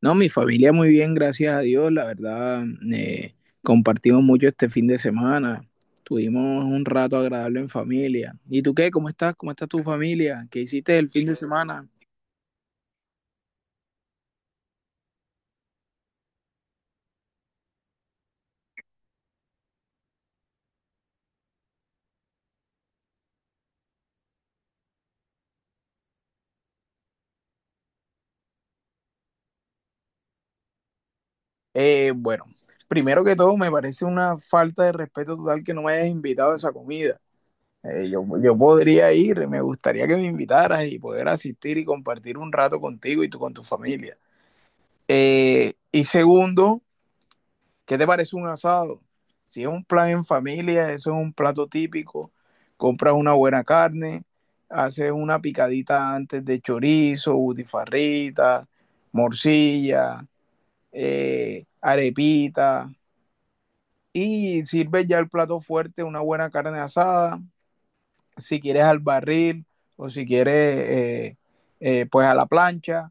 No, mi familia muy bien, gracias a Dios. La verdad, eh, compartimos mucho este fin de semana. Tuvimos un rato agradable en familia. ¿Y tú qué? ¿Cómo estás? ¿Cómo está tu familia? ¿Qué hiciste el fin de semana? Bueno, primero que todo, me parece una falta de respeto total que no me hayas invitado a esa comida. Yo podría ir, me gustaría que me invitaras y poder asistir y compartir un rato contigo y tú con tu familia. Y segundo, ¿qué te parece un asado? Si es un plan en familia, eso es un plato típico. Compras una buena carne, haces una picadita antes de chorizo, butifarrita, morcilla, arepita. Y sirves ya el plato fuerte, una buena carne asada, si quieres al barril o si quieres pues a la plancha.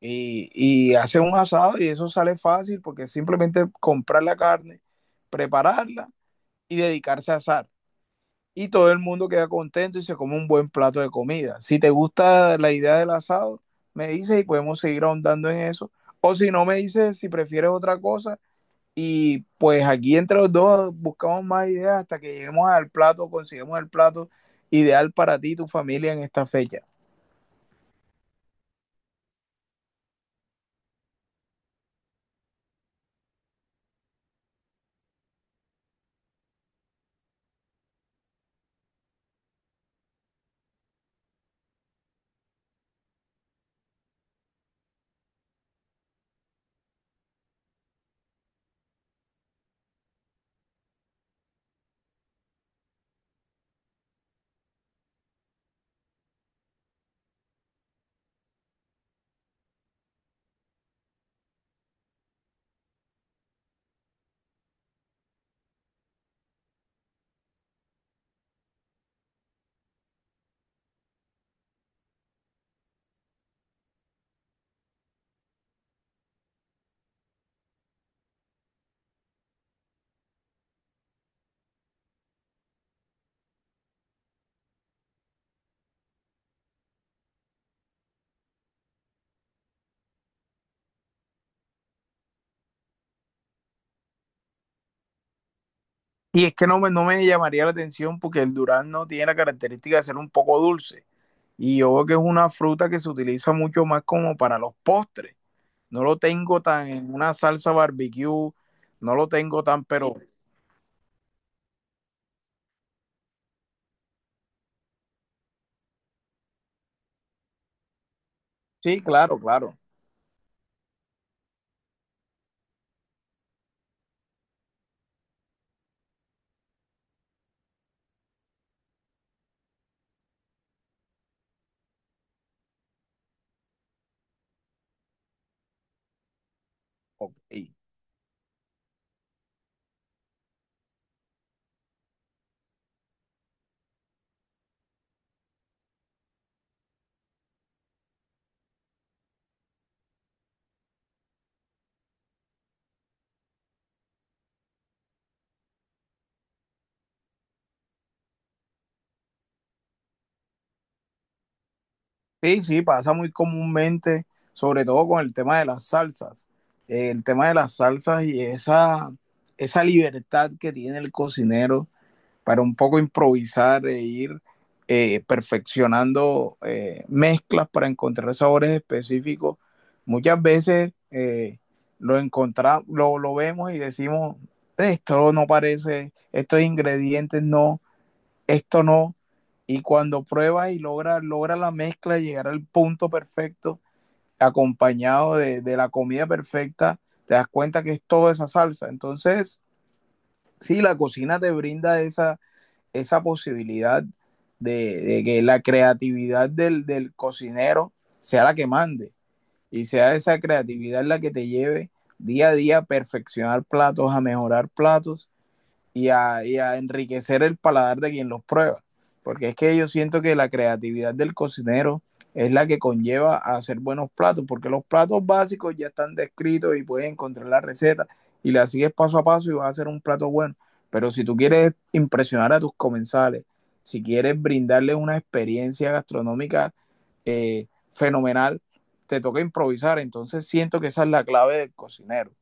Y haces un asado y eso sale fácil porque simplemente comprar la carne, prepararla y dedicarse a asar. Y todo el mundo queda contento y se come un buen plato de comida. Si te gusta la idea del asado, me dices y podemos seguir ahondando en eso. O si no, me dices si prefieres otra cosa. Y pues aquí entre los dos buscamos más ideas hasta que lleguemos al plato, consigamos el plato ideal para ti y tu familia en esta fecha. Y es que no me llamaría la atención porque el durazno tiene la característica de ser un poco dulce. Y yo veo que es una fruta que se utiliza mucho más como para los postres. No lo tengo tan en una salsa barbecue, no lo tengo tan, pero sí, claro, claro. Ok. Sí, sí, pasa muy comúnmente, sobre todo con el tema de las salsas. El tema de las salsas y esa libertad que tiene el cocinero para un poco improvisar e ir perfeccionando mezclas para encontrar sabores específicos. Muchas veces encontramos, vemos y decimos, esto no parece, estos ingredientes no, esto no. Y cuando pruebas y logra la mezcla, llegar al punto perfecto, acompañado de la comida perfecta, te das cuenta que es toda esa salsa. Entonces, sí, la cocina te brinda esa posibilidad de que la creatividad del cocinero sea la que mande y sea esa creatividad la que te lleve día a día a perfeccionar platos, a mejorar platos y a enriquecer el paladar de quien los prueba. Porque es que yo siento que la creatividad del cocinero es la que conlleva a hacer buenos platos, porque los platos básicos ya están descritos y puedes encontrar la receta y la sigues paso a paso y vas a hacer un plato bueno. Pero si tú quieres impresionar a tus comensales, si quieres brindarles una experiencia gastronómica fenomenal, te toca improvisar. Entonces siento que esa es la clave del cocinero.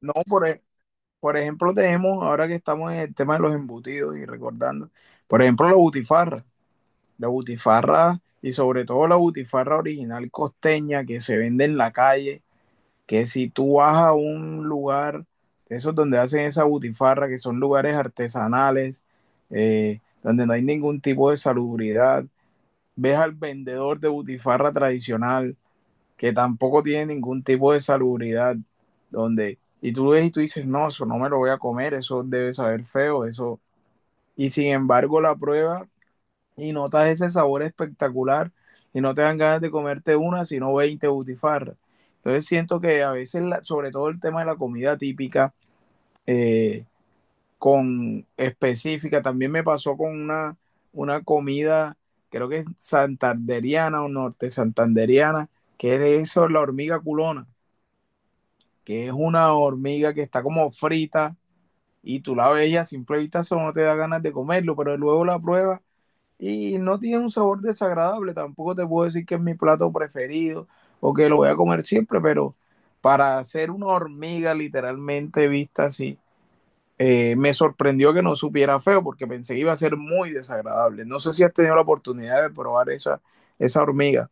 No por, el, Por ejemplo, tenemos, ahora que estamos en el tema de los embutidos y recordando, por ejemplo, la butifarra y sobre todo la butifarra original costeña que se vende en la calle, que si tú vas a un lugar, de esos donde hacen esa butifarra, que son lugares artesanales, donde no hay ningún tipo de salubridad, ves al vendedor de butifarra tradicional que tampoco tiene ningún tipo de salubridad, donde, y tú ves y tú dices, no, eso no me lo voy a comer, eso debe saber feo, eso, y sin embargo la prueba y notas ese sabor espectacular y no te dan ganas de comerte una, sino 20 butifarras. Entonces siento que a veces, la, sobre todo el tema de la comida típica, eh, con específica, también me pasó con una comida, creo que es santanderiana o norte santanderiana, que es eso, la hormiga culona, que es una hormiga que está como frita y tú la ves y a simple vista solo no te da ganas de comerlo, pero luego la pruebas y no tiene un sabor desagradable. Tampoco te puedo decir que es mi plato preferido o que lo voy a comer siempre, pero para hacer una hormiga literalmente vista así, me sorprendió que no supiera feo porque pensé que iba a ser muy desagradable. No sé si has tenido la oportunidad de probar esa hormiga.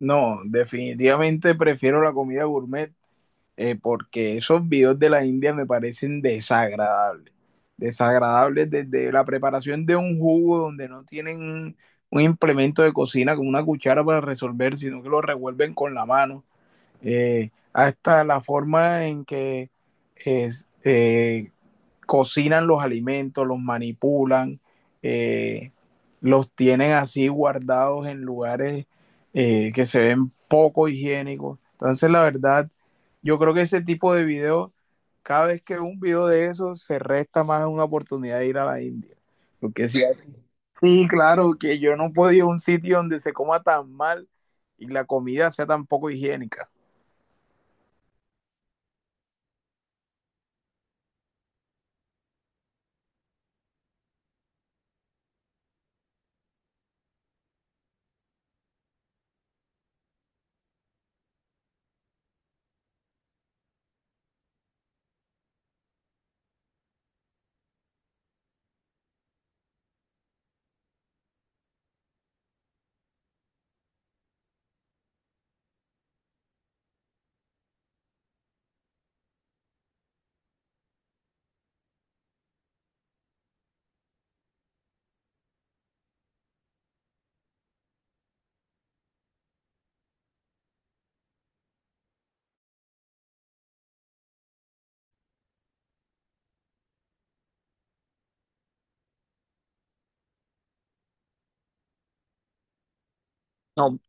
No, definitivamente prefiero la comida gourmet porque esos videos de la India me parecen desagradables. Desagradables desde la preparación de un jugo donde no tienen un implemento de cocina como una cuchara para resolver, sino que lo revuelven con la mano. Hasta la forma en que es, eh, cocinan los alimentos, los manipulan, eh, los tienen así guardados en lugares que se ven poco higiénicos. Entonces, la verdad, yo creo que ese tipo de video, cada vez que un video de eso, se resta más una oportunidad de ir a la India. Porque sí, sí claro, que yo no puedo ir a un sitio donde se coma tan mal y la comida sea tan poco higiénica. No, no